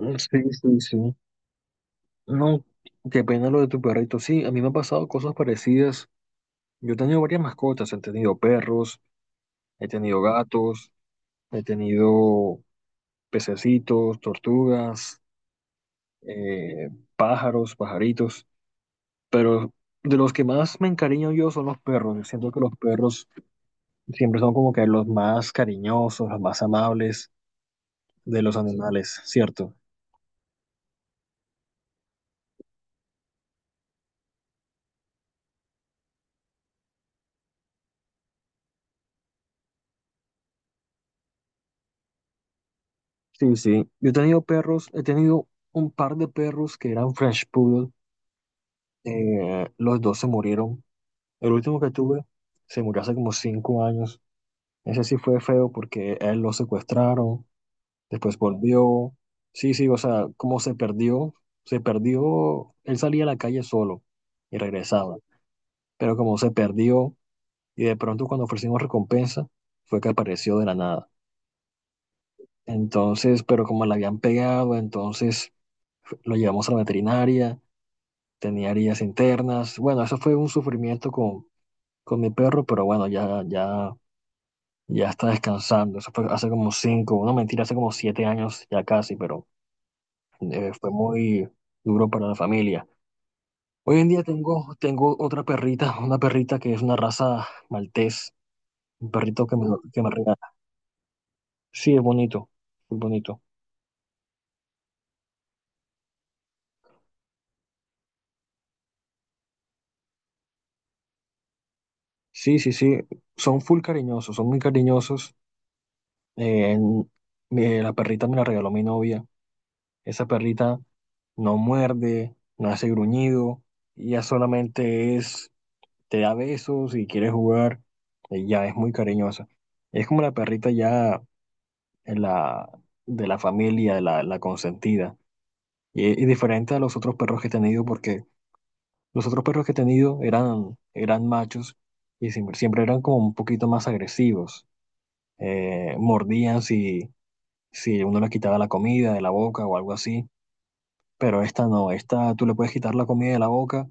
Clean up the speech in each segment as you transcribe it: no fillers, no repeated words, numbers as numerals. Mm, sí, sí, sí. No, qué pena lo de tu perrito. Sí, a mí me han pasado cosas parecidas. Yo he tenido varias mascotas. He tenido perros, he tenido gatos, he tenido pececitos, tortugas, eh, pájaros, pajaritos. Pero de los que más me encariño yo son los perros. Yo siento que los perros siempre son como que los más cariñosos, los más amables de los animales, ¿cierto? Sí, sí. Yo he tenido perros, he tenido un par de perros que eran French Poodle, los dos se murieron. El último que tuve se murió hace como cinco años. Ese sí fue feo porque a él lo secuestraron, después volvió. Sí, sí, o sea, como se perdió, él salía a la calle solo y regresaba, pero como se perdió y de pronto cuando ofrecimos recompensa, fue que apareció de la nada. Entonces, pero como le habían pegado, entonces lo llevamos a la veterinaria, tenía heridas internas. Bueno, eso fue un sufrimiento con mi perro, pero bueno, ya, ya, ya está descansando. Eso fue hace como cinco, no mentira, hace como siete años ya casi, pero fue muy duro para la familia. Hoy en día tengo otra perrita, una perrita que es una raza maltés, un perrito que me regala. Sí, es bonito, muy bonito. Sí, sí, sí, son full cariñosos, son muy cariñosos. Eh, en- la perrita me la regaló mi novia. Esa perrita no muerde, no hace gruñido, ella solamente es te da besos y quiere jugar, ella es muy cariñosa. Es como la perrita ya en la, de la familia, la consentida. Y diferente a los otros perros que he tenido, porque los otros perros que he tenido eran machos y siempre eran como un poquito más agresivos. Mordían si uno le quitaba la comida de la boca o algo así, pero esta no, esta tú le puedes quitar la comida de la boca,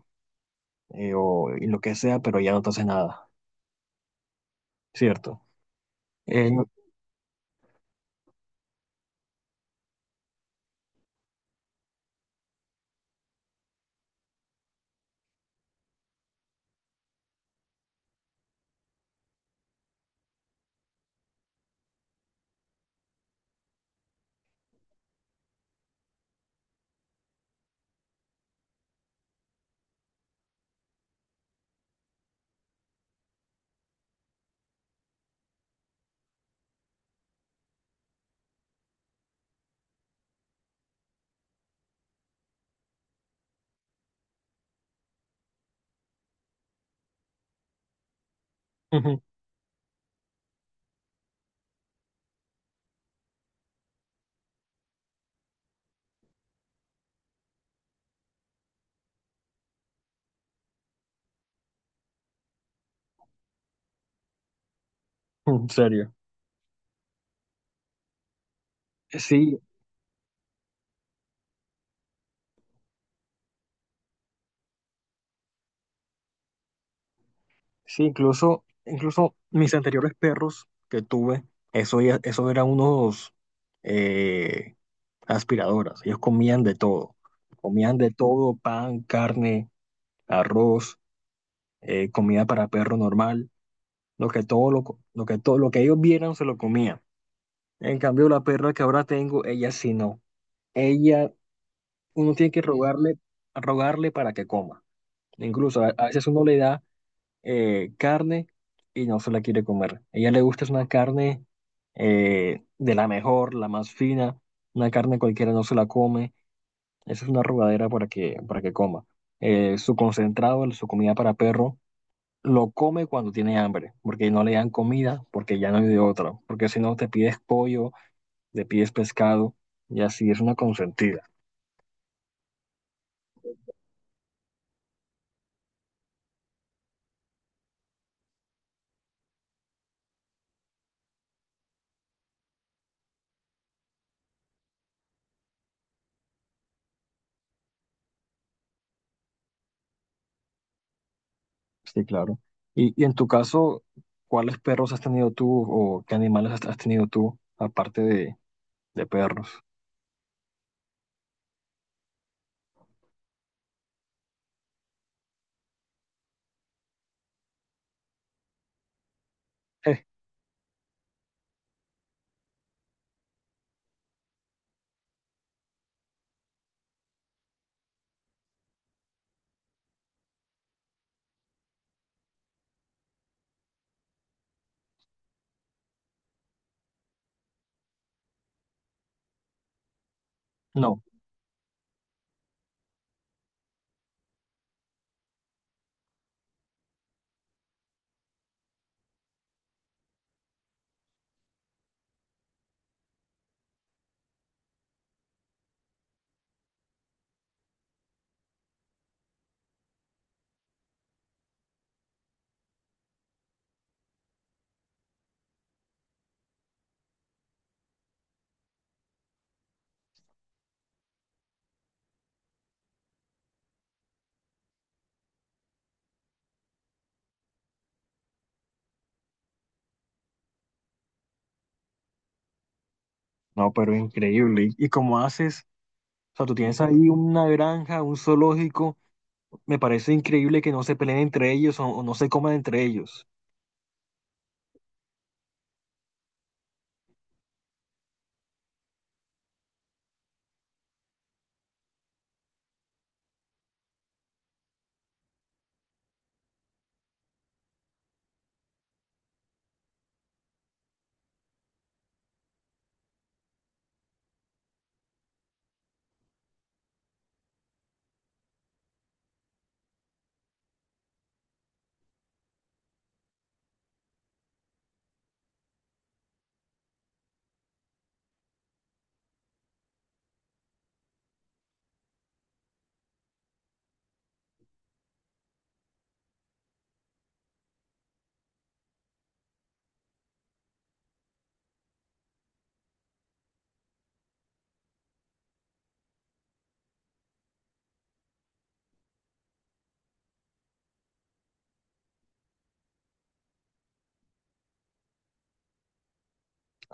o y lo que sea, pero ya no te hace nada, ¿cierto? Eh, Ujú. En serio. Sí, sí, incluso mis anteriores perros que tuve, eso eran unos eh, aspiradoras. Ellos comían de todo. Comían de todo, pan, carne, arroz, comida para perro normal. Lo que todo lo, co- lo que todo, lo que ellos vieran se lo comían. En cambio, la perra que ahora tengo, ella sí no. Ella, uno tiene que rogarle, rogarle para que coma. Incluso a veces uno le da carne y no se la quiere comer. Ella le gusta es una carne, de la mejor, la más fina, una carne cualquiera no se la come, eso es una arrugadera para que coma. Su concentrado, su comida para perro, lo come cuando tiene hambre, porque no le dan comida, porque ya no hay de otra, porque si no te pides pollo, te pides pescado, y así es una consentida. Sí, claro. Y en tu caso, ¿cuáles perros has tenido tú o qué animales has tenido tú, aparte de perros? Eh, No, no, pero increíble. Y como haces, o sea, tú tienes ahí una granja, un zoológico, me parece increíble que no se peleen entre ellos o no se coman entre ellos.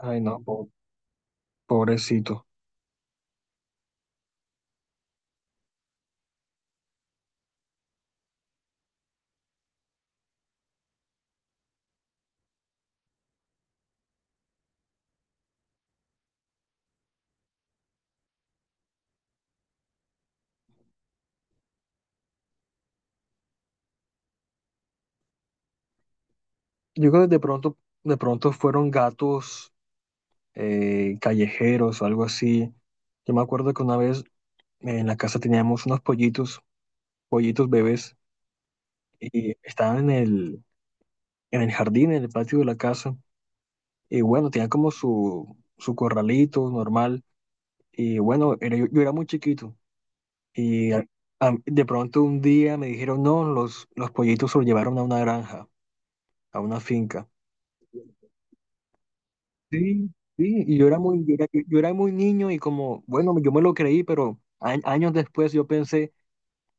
Ay, no, pobrecito. Yo creo que de pronto fueron gatos callejeros o algo así. Yo me acuerdo que una vez, en la casa teníamos unos pollitos, pollitos bebés, y estaban en el jardín, en el patio de la casa. Y bueno, tenían como su corralito normal. Y bueno, era, yo era muy chiquito y de pronto un día me dijeron, no, los pollitos se los llevaron a una granja, a una finca. Sí, sí, y yo era muy niño y como, bueno, yo me lo creí, pero años después yo pensé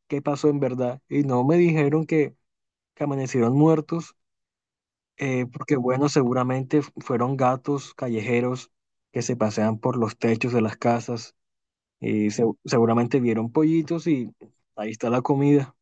qué pasó en verdad y no me dijeron que amanecieron muertos, porque bueno, seguramente fueron gatos callejeros que se pasean por los techos de las casas y seguramente vieron pollitos y ahí está la comida.